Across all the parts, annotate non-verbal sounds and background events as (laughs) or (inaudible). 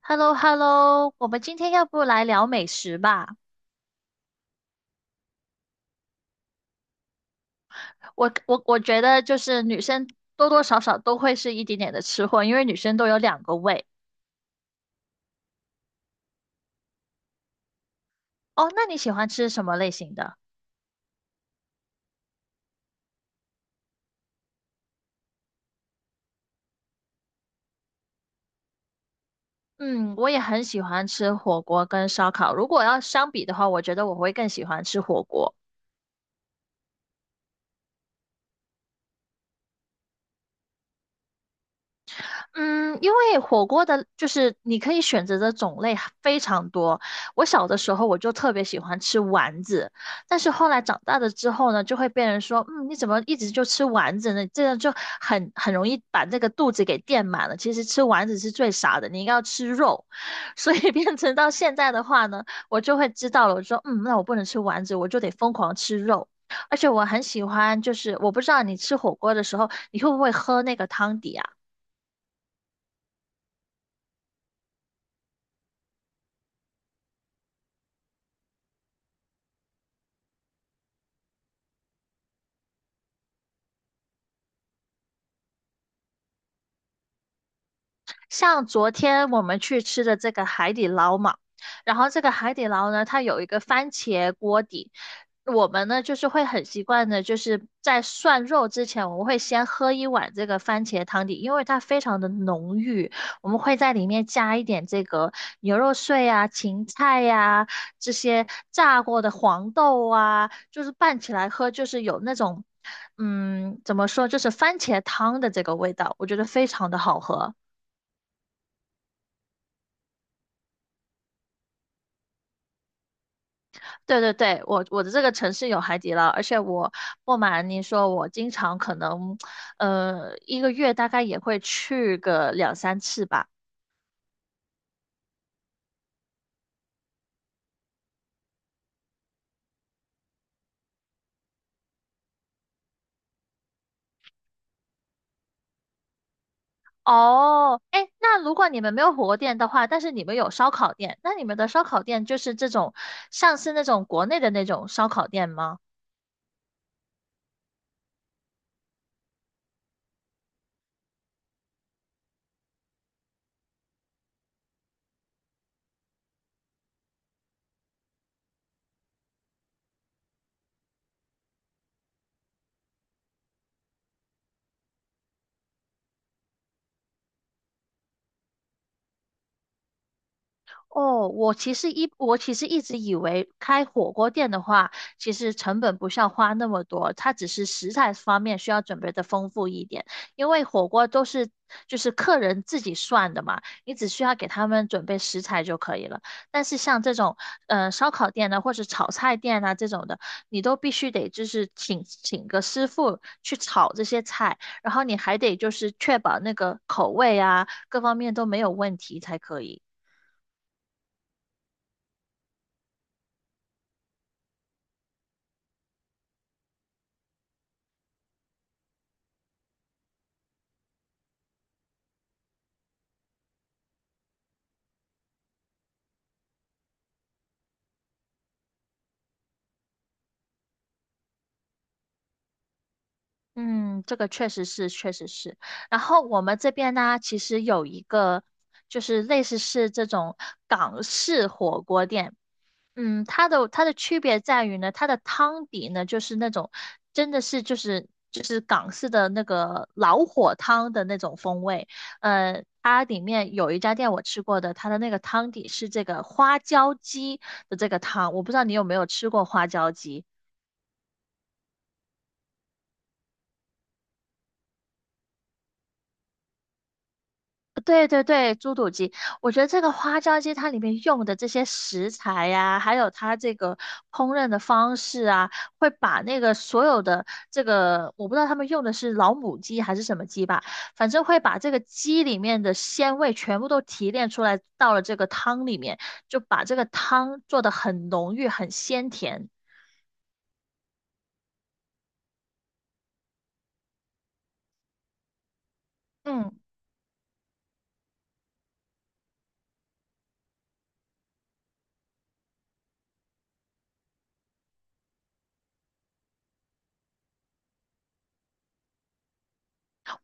h e l l o h e l l o 我们今天要不来聊美食吧？我觉得就是女生多多少少都会是一点点的吃货，因为女生都有两个胃。哦，那你喜欢吃什么类型的？嗯，我也很喜欢吃火锅跟烧烤。如果要相比的话，我觉得我会更喜欢吃火锅。嗯，因为火锅的，就是你可以选择的种类非常多。我小的时候我就特别喜欢吃丸子，但是后来长大了之后呢，就会被人说，嗯，你怎么一直就吃丸子呢？这样就很容易把这个肚子给垫满了。其实吃丸子是最傻的，你应该要吃肉。(laughs) 所以变成到现在的话呢，我就会知道了，我说，嗯，那我不能吃丸子，我就得疯狂吃肉。而且我很喜欢，就是我不知道你吃火锅的时候，你会不会喝那个汤底啊？像昨天我们去吃的这个海底捞嘛，然后这个海底捞呢，它有一个番茄锅底，我们呢就是会很习惯的，就是在涮肉之前，我们会先喝一碗这个番茄汤底，因为它非常的浓郁，我们会在里面加一点这个牛肉碎啊、芹菜呀、这些炸过的黄豆啊，就是拌起来喝，就是有那种。嗯，怎么说，就是番茄汤的这个味道，我觉得非常的好喝。对对对，我的这个城市有海底捞，而且我不瞒你说，我经常可能，一个月大概也会去个两三次吧。哦，哎，那如果你们没有火锅店的话，但是你们有烧烤店，那你们的烧烤店就是这种，像是那种国内的那种烧烤店吗？哦，我其实一直以为开火锅店的话，其实成本不需要花那么多，它只是食材方面需要准备的丰富一点，因为火锅都是就是客人自己算的嘛，你只需要给他们准备食材就可以了。但是像这种烧烤店呢，或者炒菜店啊这种的，你都必须得就是请个师傅去炒这些菜，然后你还得就是确保那个口味啊各方面都没有问题才可以。嗯，这个确实是，确实是。然后我们这边呢，其实有一个就是类似是这种港式火锅店，嗯，它的区别在于呢，它的汤底呢就是那种真的是就是港式的那个老火汤的那种风味。它里面有一家店我吃过的，它的那个汤底是这个花椒鸡的这个汤，我不知道你有没有吃过花椒鸡。对对对，猪肚鸡，我觉得这个花椒鸡它里面用的这些食材呀、还有它这个烹饪的方式啊，会把那个所有的这个，我不知道他们用的是老母鸡还是什么鸡吧，反正会把这个鸡里面的鲜味全部都提炼出来，到了这个汤里面，就把这个汤做的很浓郁、很鲜甜。嗯。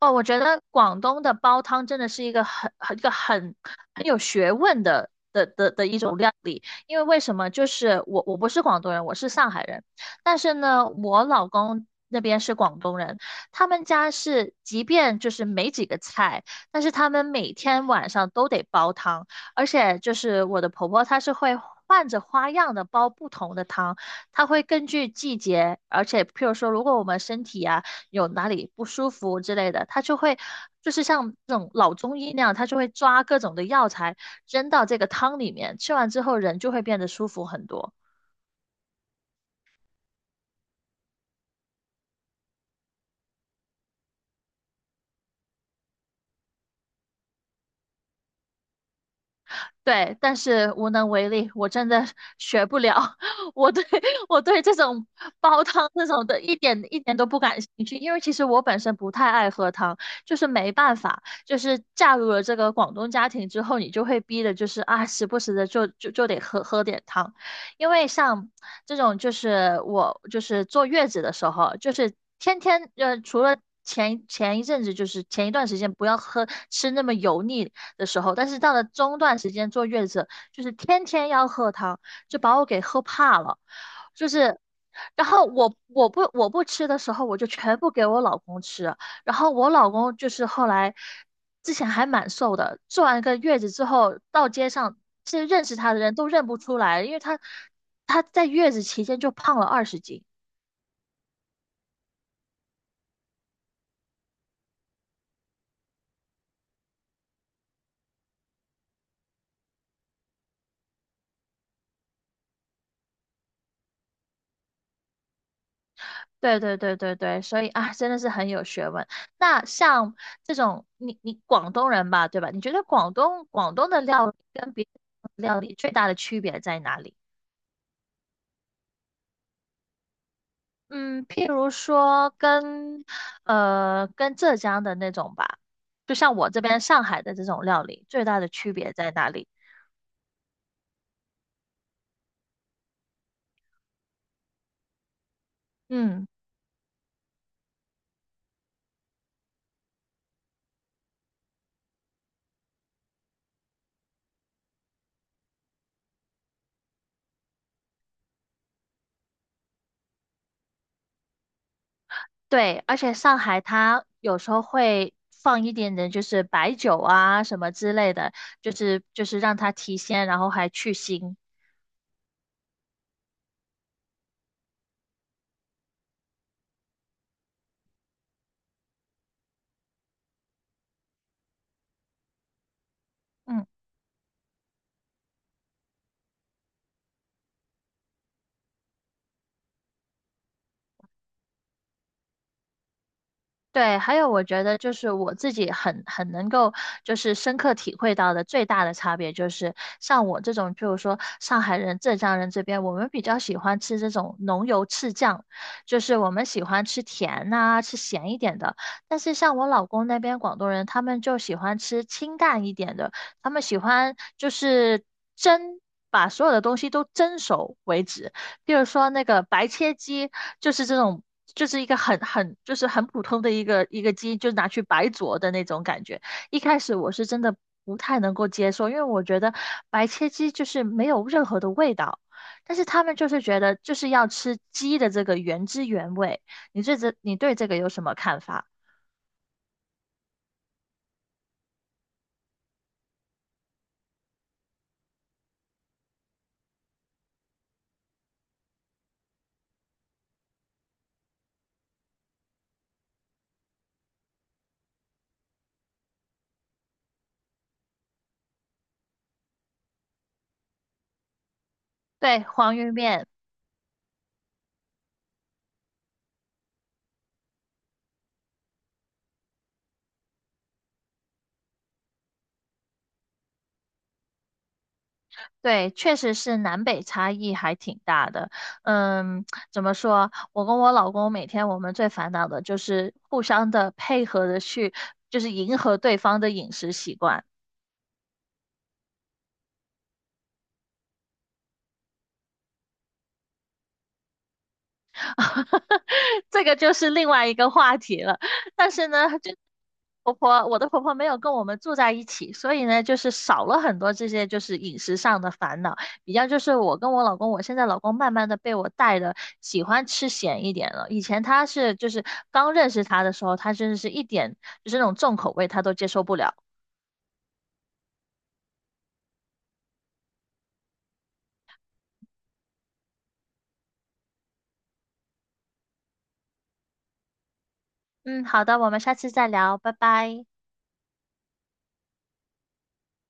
哦，我觉得广东的煲汤真的是一个很有学问的一种料理。因为为什么？就是我不是广东人，我是上海人，但是呢，我老公那边是广东人，他们家是即便就是没几个菜，但是他们每天晚上都得煲汤，而且就是我的婆婆她是会。换着花样的煲不同的汤，她会根据季节，而且譬如说，如果我们身体啊有哪里不舒服之类的，他就会就是像那种老中医那样，他就会抓各种的药材扔到这个汤里面，吃完之后人就会变得舒服很多。对，但是无能为力，我真的学不了。(laughs) 我对 (laughs) 我对这种煲汤这种的一点都不感兴趣，因为其实我本身不太爱喝汤，就是没办法，就是嫁入了这个广东家庭之后，你就会逼的，就是啊，时不时的就得喝点汤，因为像这种就是我就是坐月子的时候，就是天天除了。一阵子就是前一段时间不要喝吃那么油腻，的时候，但是到了中段时间坐月子，就是天天要喝汤，就把我给喝怕了，就是。然后我不吃的时候，我就全部给我老公吃。然后我老公就是后来，之前还蛮瘦的，做完一个月子之后，到街上是认识他的人都认不出来，因为他他在月子期间就胖了20斤。对对对对对，所以啊，真的是很有学问。那像这种，你你广东人吧，对吧？你觉得广东的料理跟别的料理最大的区别在哪里？嗯，譬如说跟跟浙江的那种吧，就像我这边上海的这种料理，最大的区别在哪里？嗯，对，而且上海它有时候会放一点点，就是白酒啊什么之类的，就是就是让它提鲜，然后还去腥。嗯。对，还有我觉得就是我自己很很能够就是深刻体会到的最大的差别就是，像我这种，就是说上海人、浙江人这边，我们比较喜欢吃这种浓油赤酱，就是我们喜欢吃甜呐、吃咸一点的。但是像我老公那边广东人，他们就喜欢吃清淡一点的，他们喜欢就是蒸，把所有的东西都蒸熟为止。比如说那个白切鸡，就是这种，就是一个很就是很普通的一个鸡，就拿去白灼的那种感觉。一开始我是真的不太能够接受，因为我觉得白切鸡就是没有任何的味道。但是他们就是觉得就是要吃鸡的这个原汁原味。你对这个有什么看法？对，黄鱼面。对，确实是南北差异还挺大的。嗯，怎么说？我跟我老公每天我们最烦恼的就是互相的配合的去，就是迎合对方的饮食习惯。(laughs) 这个就是另外一个话题了。但是呢，就婆婆，我的婆婆没有跟我们住在一起，所以呢，就是少了很多这些就是饮食上的烦恼。比较就是我跟我老公，我现在老公慢慢的被我带的喜欢吃咸一点了。以前他是就是刚认识他的时候，他真的是一点就是那种重口味他都接受不了。嗯，好的，我们下次再聊，拜拜。